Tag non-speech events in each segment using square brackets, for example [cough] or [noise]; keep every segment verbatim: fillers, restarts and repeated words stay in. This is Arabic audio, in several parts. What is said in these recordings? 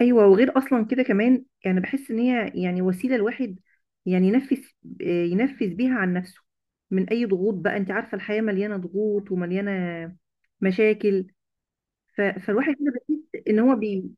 ايوه، وغير اصلا كده كمان يعني بحس ان هي يعني وسيله الواحد يعني ينفس آه، ينفس بيها عن نفسه. من اي ضغوط بقى، انت عارفه الحياه مليانه ضغوط ومليانه مشاكل. ف... فالواحد كده بيحس ان هو بي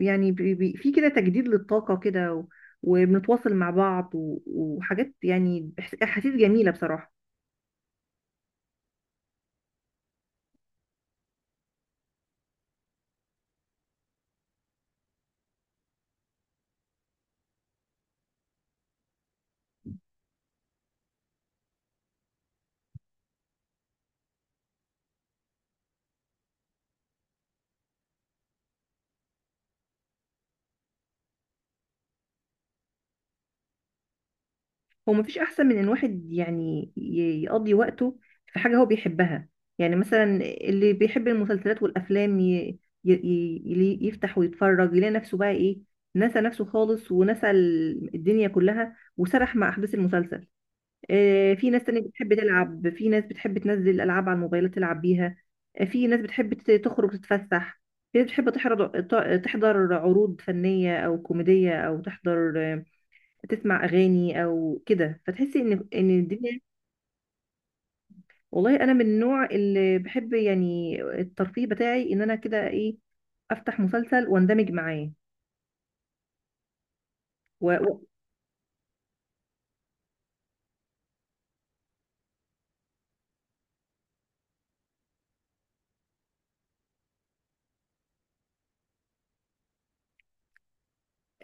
يعني بي... بي... في كده تجديد للطاقه كده و... وبنتواصل مع بعض و... وحاجات، يعني بحس- احاسيس جميله بصراحه. هو مفيش احسن من ان واحد يعني ي- يقضي وقته في حاجه هو بيحبها. يعني مثلا اللي بيحب المسلسلات والافلام ي... ي... ي... يلي- يفتح ويتفرج، يلاقي نفسه بقى ايه، نسى نفسه خالص ونسى ال- الدنيا كلها، وسرح مع احداث المسلسل. آه، في ناس تانية بتحب تلعب، في ناس بتحب تنزل العاب على الموبايلات تلعب بيها. آه، في ناس بتحب ت- تخرج تتفسح، في ناس بتحب تحضر تحضر عروض فنيه او كوميديه، او تحضر تسمع اغاني او كده، فتحسي ان ان الدنيا. والله انا من النوع اللي بحب، يعني الترفيه بتاعي ان انا كده ايه، افتح مسلسل واندمج معاه و... و...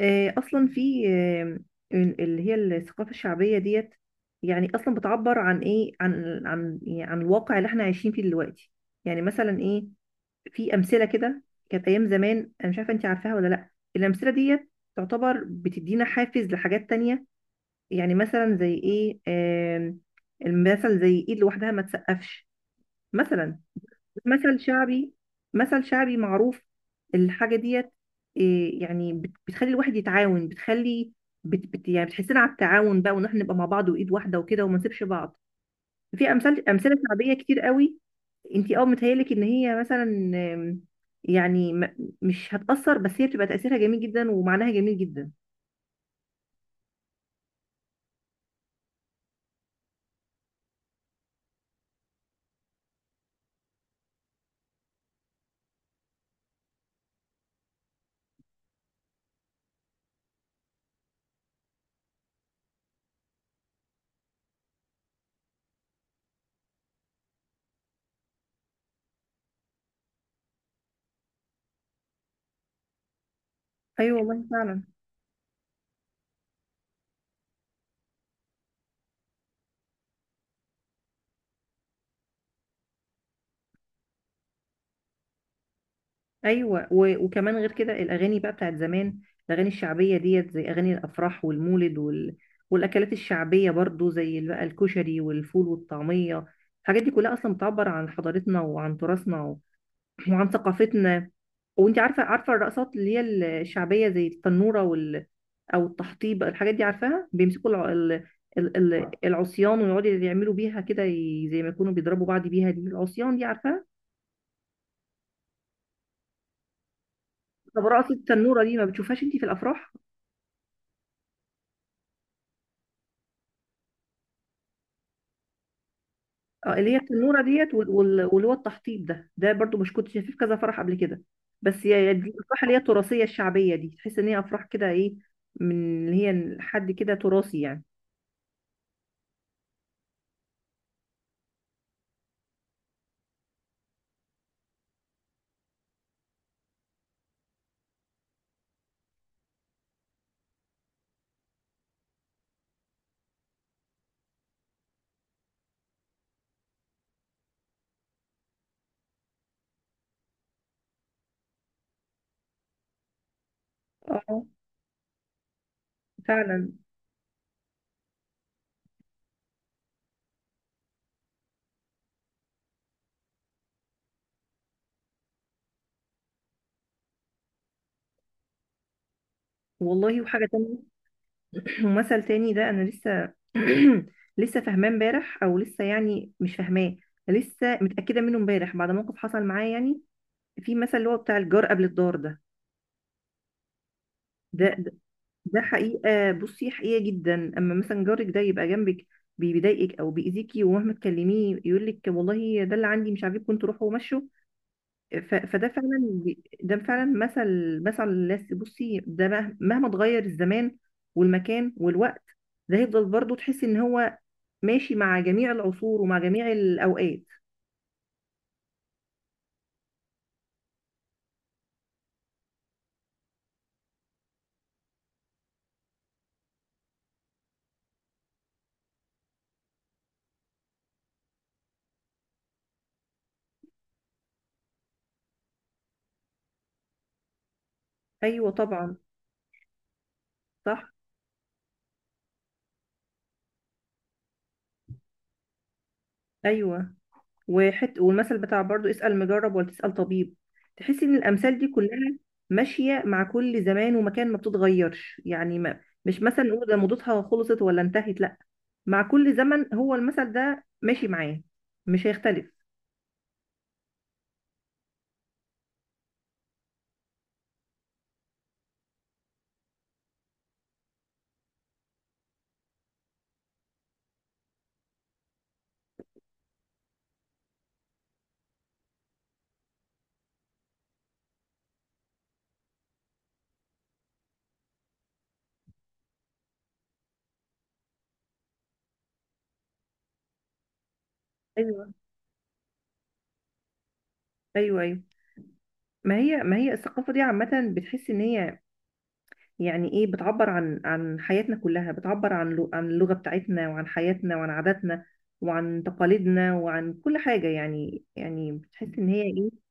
آه اصلا في آه ال- اللي هي الثقافه الشعبيه ديت، يعني اصلا بتعبر عن ايه، عن عن يعني عن الواقع اللي احنا عايشين فيه دلوقتي. يعني مثلا ايه، في امثله كده كانت ايام زمان. انا مش عارفه، انت عارفاها ولا لا؟ الامثله ديت تعتبر بتدينا حافز لحاجات تانية. يعني مثلا زي ايه؟ آم، المثل زي ايد لوحدها ما تسقفش، مثلا. مثل شعبي، مثل شعبي معروف. الحاجة ديت إيه، يعني بت- بتخلي الواحد يتعاون، بتخلي بت بت يعني بتحسنا على التعاون بقى، وان احنا نبقى مع بعض وايد واحدة وكده، وما نسيبش بعض. في امثال امثلة شعبية كتير قوي. انتي اه متهيألك ان هي مثلا، آم، يعني م- مش هتأثر، بس هي بتبقى تأثيرها جميل جدا ومعناها جميل جدا. ايوه والله فعلا. ايوه، و... وكمان غير كده الاغاني بقى بتاعت زمان، الاغاني الشعبيه ديت زي اغاني الافراح والمولد وال... والاكلات الشعبيه برضو، زي ال- بقى الكشري والفول والطعميه. الحاجات دي كلها اصلا بتعبر عن حضارتنا وعن تراثنا و... وعن ثقافتنا. وانت عارفه، عارفه الرقصات اللي هي ال- الشعبيه زي التنوره وال... او التحطيب، الحاجات دي عارفاها. بيمسكوا الع... ال... ال... ال- العصيان ويقعدوا يعملوا بيها كده، ي... زي ما يكونوا بيضربوا بعض بيها، دي العصيان دي عارفاها؟ طب رقصه التنوره دي ما بتشوفهاش انت في الافراح؟ اه، اللي هي التنوره ديت وال- وال- واللي هو التحطيب ده ده برضو مش كنت شايفاه في كذا فرح قبل كده؟ بس هي هي دي الافراح اللي هي التراثيه الشعبيه دي، تحس ان هي افراح كده ايه، من اللي هي حد كده تراثي يعني. اه فعلا والله. وحاجه تانية، [clears throat] ومثل تاني ده انا لسه [clears throat] لسه فاهماه امبارح، او لسه يعني مش فاهماه، لسه متاكده منه امبارح بعد موقف حصل معايا يعني. في مثل اللي هو بتاع الجار قبل الدار ده ده ده ده حقيقة، بصي حقيقة جدا. أما مثلا جارك ده يبقى جنبك بي- بيضايقك أو بيأذيكي، ومهما تكلميه يقولك والله ده اللي عندي مش عاجبكم انتوا، روحوا ومشوا. ف- فده فعلا، بي- ده فعلا مثل، مثل الناس. بصي ده مه- مهما اتغير الزمان والمكان والوقت، ده هيفضل برضه تحسي إن هو ماشي مع جميع العصور ومع جميع الأوقات. أيوه طبعا. صح. أيوه، وحت والمثل بتاع برضو اسأل مجرب ولا تسأل طبيب. تحسي ان الامثال دي كلها ماشية مع كل زمان ومكان، ما بتتغيرش. يعني ما مش مثلا نقول ده موضتها خلصت ولا انتهت، لا، مع كل زمن هو المثل ده ماشي معاه، مش هيختلف. ايوه، ايوه، ايوه. ما هي ما هي الثقافة دي عامة بتحس ان هي يعني ايه، بتعبر عن عن حياتنا كلها، بتعبر عن لو- عن اللغة بتاعتنا وعن حياتنا وعن عاداتنا وعن تقاليدنا وعن كل حاجة يعني، يعني بتحس ان هي ايه.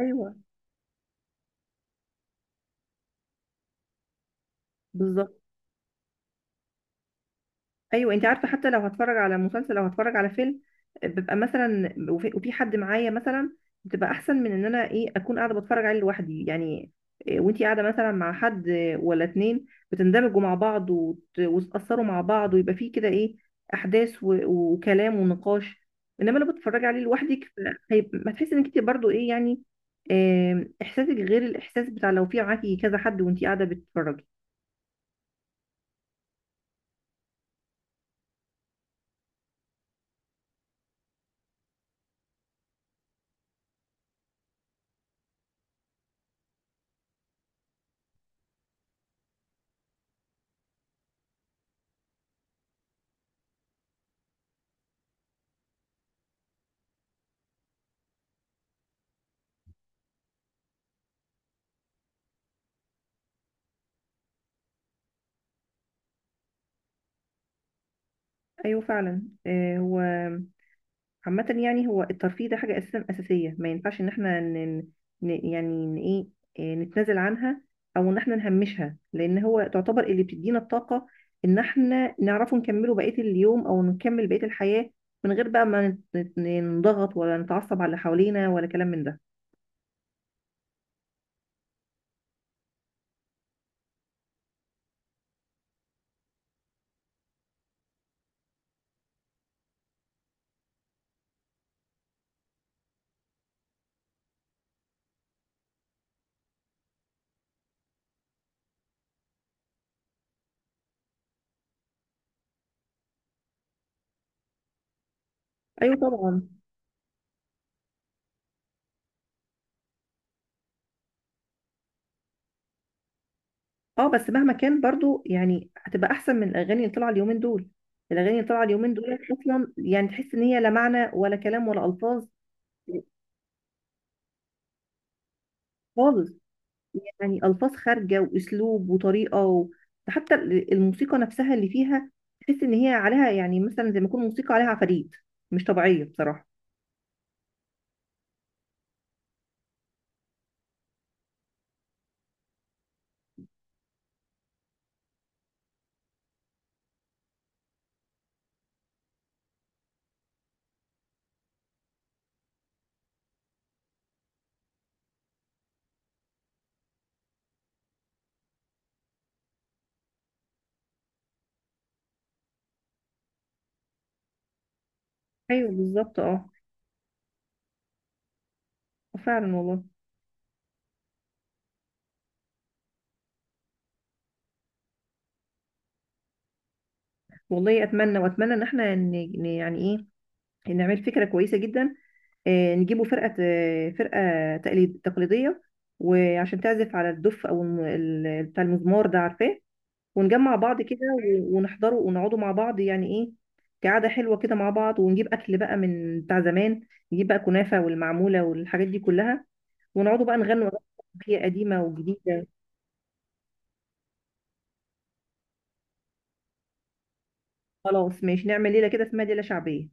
ايوه بالظبط. ايوه، انت عارفه، حتى لو هتفرج على مسلسل او هتفرج على فيلم، ببقى مثلا وفي, وفي حد معايا مثلا، بتبقى احسن من ان انا ايه اكون قاعده بتفرج عليه لوحدي يعني. إيه، وانتي قاعده مثلا مع حد ولا اتنين، بتندمجوا مع بعض وت- وتتاثروا مع بعض، ويبقى فيه كده ايه، احداث و- وكلام ونقاش. انما لو بتتفرجي عليه لوحدك، ف- هيبقى- ما تحسي انك انت برضو ايه يعني، آم، احساسك غير الاحساس بتاع لو في معاكي كذا حد وانتي قاعده بتتفرجي. ايوه فعلا. آه، هو عامة يعني، هو الترفيه ده حاجة أساسا أساسية، ما ينفعش إن إحنا ن... ن... يعني إن إيه إيه، نتنازل عنها، أو إن إحنا نهمشها، لأن هو تعتبر اللي بتدينا الطاقة، إن إحنا نعرفه نكمله بقية اليوم أو نكمل بقية الحياة، من غير بقى ما نت- نضغط ولا نتعصب على اللي حوالينا، ولا كلام من ده. أيوة طبعا. أه، بس مهما كان برضو يعني هتبقى أحسن من الأغاني اللي طالعة اليومين دول. الأغاني اللي طالعة اليومين دول أصلا يعني، تحس إن هي لا معنى ولا كلام ولا ألفاظ خالص. يعني ألفاظ خارجة وأسلوب وطريقة و... حتى ال- الموسيقى نفسها اللي فيها، تحس إن هي عليها يعني مثلا زي ما يكون موسيقى عليها عفاريت، مش طبيعية بصراحة. أيوه بالظبط. أه فعلا والله. والله أتمنى، وأتمنى إن إحنا ن... ن- يعني إيه، نعمل فكرة كويسة جدا. آه، نجيبوا فرقة، آه، فرقة تقليد تقليدية، وعشان تعزف على الدف أو الم- ال- بتاع المزمار ده، عارفاه؟ ونجمع بعض كده و- ونحضره ونقعدوا مع بعض، يعني ايه، كعادة حلوة كده مع بعض، ونجيب أكل بقى من بتاع زمان، نجيب بقى كنافة والمعمولة والحاجات دي كلها، ونقعدوا بقى نغنوا أغاني شعبية قديمة وجديدة. خلاص ماشي، نعمل ليلة كده اسمها ليلة شعبية.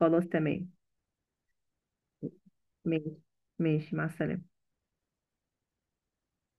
خلاص تمام. ماشي، ماشي مع السلامة.